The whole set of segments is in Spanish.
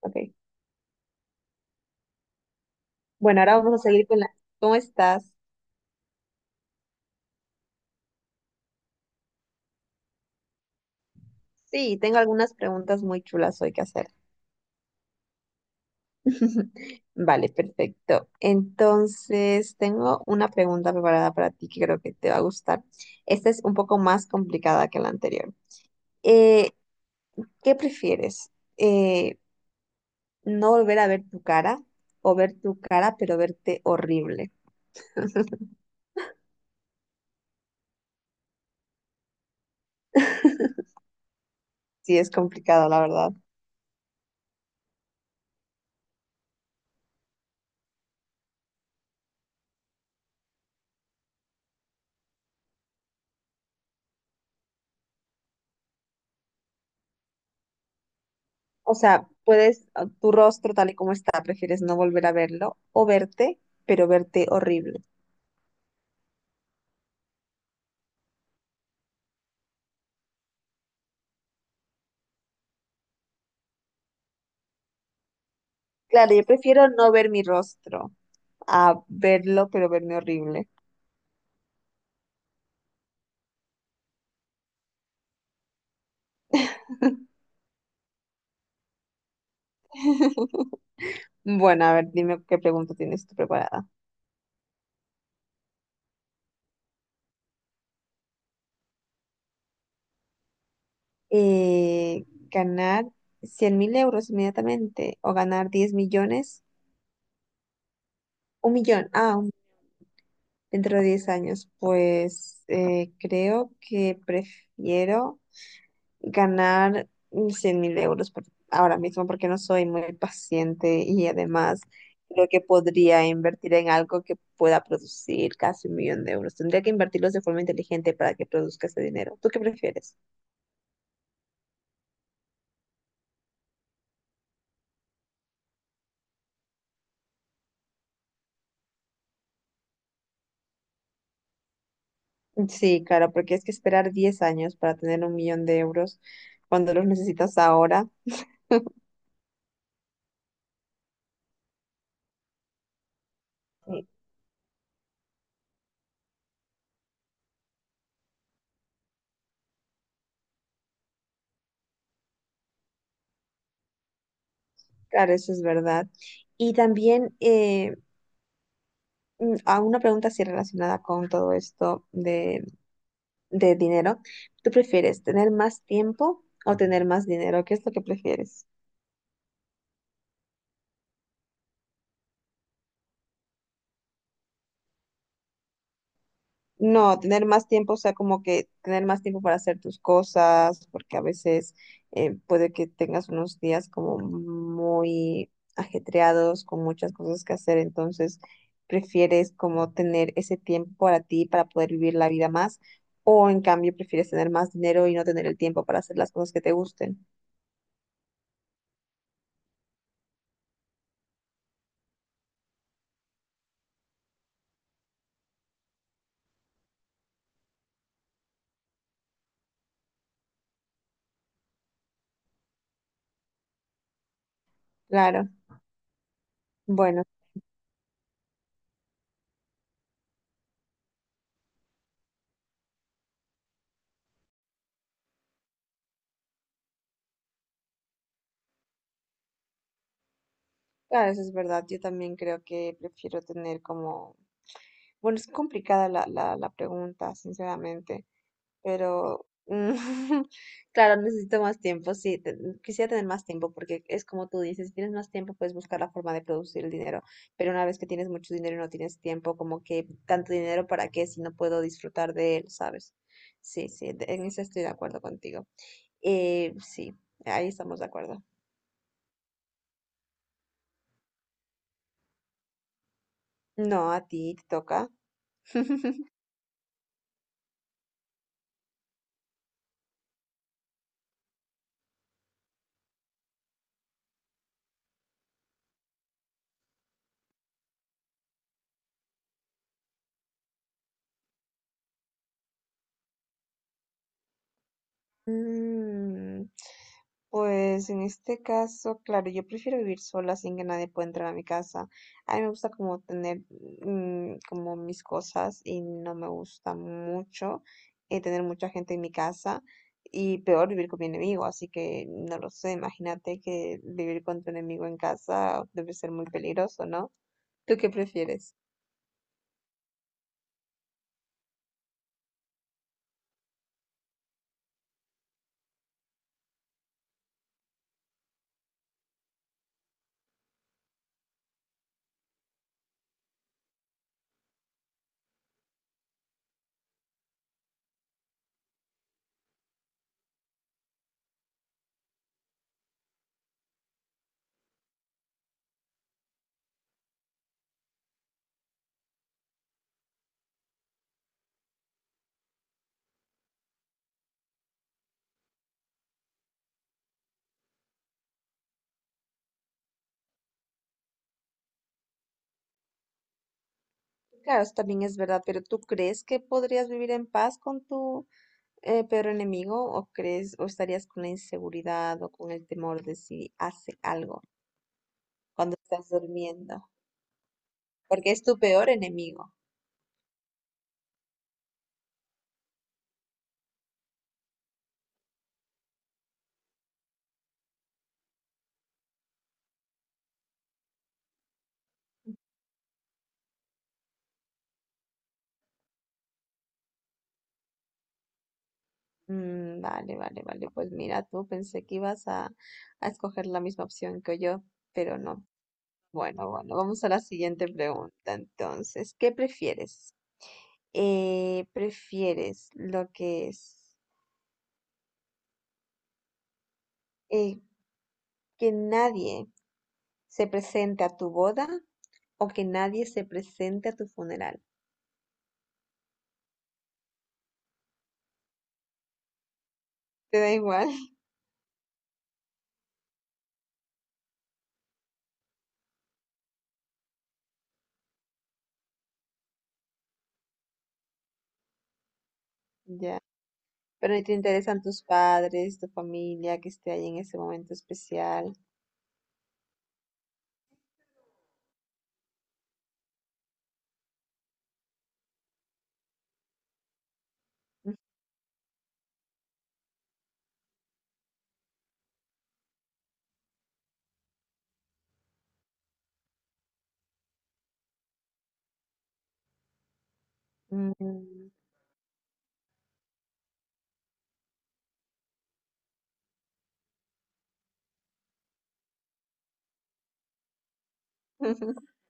Ok. Bueno, ahora vamos a seguir con la. ¿Cómo estás? Sí, tengo algunas preguntas muy chulas hoy que hacer. Vale, perfecto. Entonces, tengo una pregunta preparada para ti que creo que te va a gustar. Esta es un poco más complicada que la anterior. Eh, ¿Qué prefieres? Eh, ¿No volver a ver tu cara o ver tu cara pero verte horrible? Sí, es complicado, la verdad. O sea, puedes, tu rostro tal y como está, prefieres no volver a verlo o verte, pero verte horrible. Claro, yo prefiero no ver mi rostro a verlo, pero verme horrible. Bueno, a ver, dime qué pregunta tienes tú preparada. Eh, ¿Ganar 100.000 euros inmediatamente o ganar 10 millones? Un millón, dentro de 10 años. Pues creo que prefiero ganar 100.000 euros ahora mismo porque no soy muy paciente y además creo que podría invertir en algo que pueda producir casi 1 millón de euros. Tendría que invertirlos de forma inteligente para que produzca ese dinero. ¿Tú qué prefieres? Sí, claro, porque es que esperar 10 años para tener 1 millón de euros cuando los necesitas ahora, eh, claro, eso es verdad. Y también a una pregunta así relacionada con todo esto de dinero, ¿tú prefieres tener más tiempo o tener más dinero? ¿Qué es lo que prefieres? No, tener más tiempo, o sea, como que tener más tiempo para hacer tus cosas, porque a veces puede que tengas unos días como muy ajetreados, con muchas cosas que hacer, entonces prefieres como tener ese tiempo para ti, para poder vivir la vida más, o en cambio prefieres tener más dinero y no tener el tiempo para hacer las cosas que te gusten. Claro. Bueno. Claro, eso es verdad. Yo también creo que prefiero tener como. Bueno, es complicada la pregunta, sinceramente, pero claro, necesito más tiempo, sí, quisiera tener más tiempo porque es como tú dices, si tienes más tiempo puedes buscar la forma de producir el dinero, pero una vez que tienes mucho dinero y no tienes tiempo, como que tanto dinero para qué si no puedo disfrutar de él, ¿sabes? Sí, sí, en eso estoy de acuerdo contigo. Sí, ahí estamos de acuerdo. No, a ti te toca. Mm, Pues en este caso, claro, yo prefiero vivir sola sin que nadie pueda entrar a mi casa. A mí me gusta como tener como mis cosas y no me gusta mucho tener mucha gente en mi casa y peor vivir con mi enemigo, así que no lo sé, imagínate que vivir con tu enemigo en casa debe ser muy peligroso, ¿no? ¿Tú qué prefieres? Claro, eso también es verdad, pero ¿tú crees que podrías vivir en paz con tu enemigo, o crees, o estarías con la inseguridad o con el temor de si hace algo cuando estás durmiendo, porque es tu peor enemigo. Mm, vale, vale, vale. Pues mira, tú pensé que ibas a escoger la misma opción que yo, pero no. Bueno, bueno, vamos a la siguiente pregunta. Entonces, ¿qué prefieres? ¿Prefieres lo que es, eh, que nadie se presente a tu boda o que nadie se presente a tu funeral? Te da igual, ya. Pero ni te interesan tus padres, tu familia que esté ahí en ese momento especial. Mm.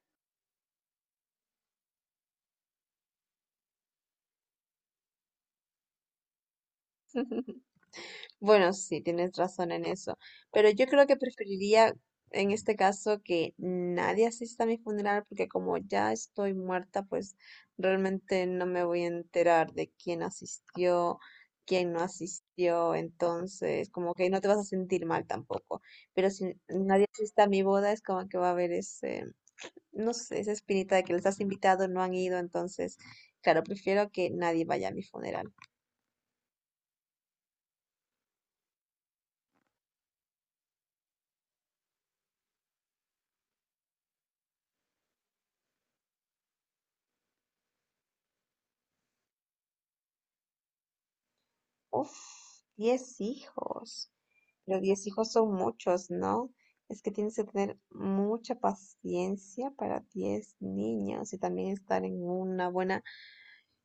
Bueno, sí, tienes razón en eso. Pero yo creo que preferiría en este caso que nadie asista a mi funeral porque como ya estoy muerta, pues realmente no me voy a enterar de quién asistió, quién no asistió. Entonces, como que no te vas a sentir mal tampoco. Pero si nadie asiste a mi boda, es como que va a haber ese, no sé, esa espinita de que les has invitado, no han ido, entonces, claro, prefiero que nadie vaya a mi funeral. Uf, 10 hijos. Pero 10 hijos son muchos, ¿no? Es que tienes que tener mucha paciencia para 10 niños y también estar en una buena,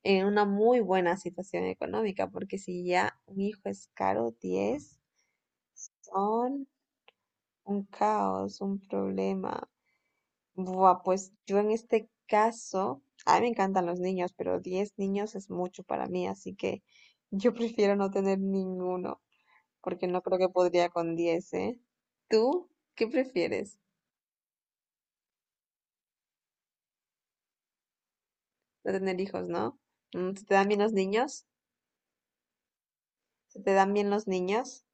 en una muy buena situación económica, porque si ya un hijo es caro, 10 son un caos, un problema. Buah, pues yo en este caso, a mí me encantan los niños, pero 10 niños es mucho para mí, así que yo prefiero no tener ninguno, porque no creo que podría con 10, ¿eh? ¿Tú qué prefieres? No tener hijos, ¿no? ¿Se te dan bien los niños? ¿Se te dan bien los niños?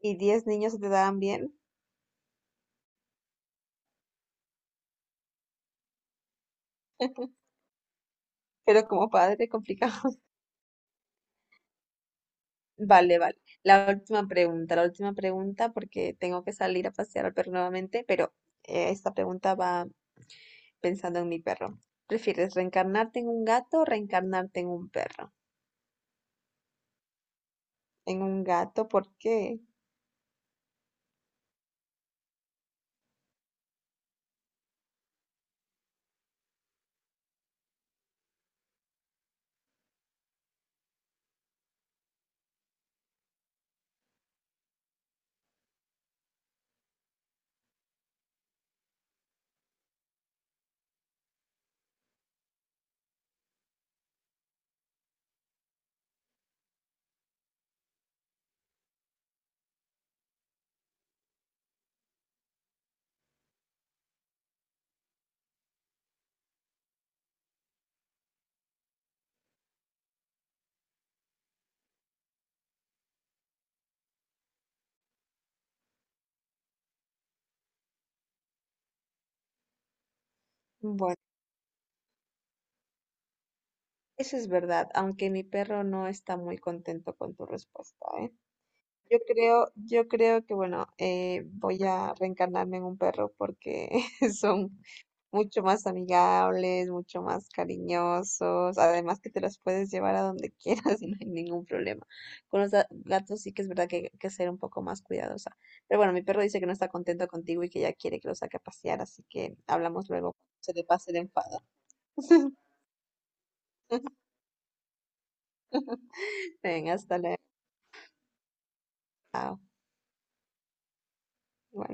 ¿Y 10 niños se te dan bien? Pero como padre, complicado. Vale, vale. La última pregunta, porque tengo que salir a pasear al perro nuevamente, pero esta pregunta va pensando en mi perro. ¿Prefieres reencarnarte en un gato o reencarnarte en un perro? En un gato, ¿por qué? Bueno, eso es verdad, aunque mi perro no está muy contento con tu respuesta, ¿eh? Yo creo que, bueno, voy a reencarnarme en un perro porque son mucho más amigables, mucho más cariñosos, además que te los puedes llevar a donde quieras y no hay ningún problema. Con los gatos sí que es verdad que hay que ser un poco más cuidadosa. Pero bueno, mi perro dice que no está contento contigo y que ya quiere que lo saque a pasear, así que hablamos luego cuando se le pase el enfado. Venga, hasta luego. Chao.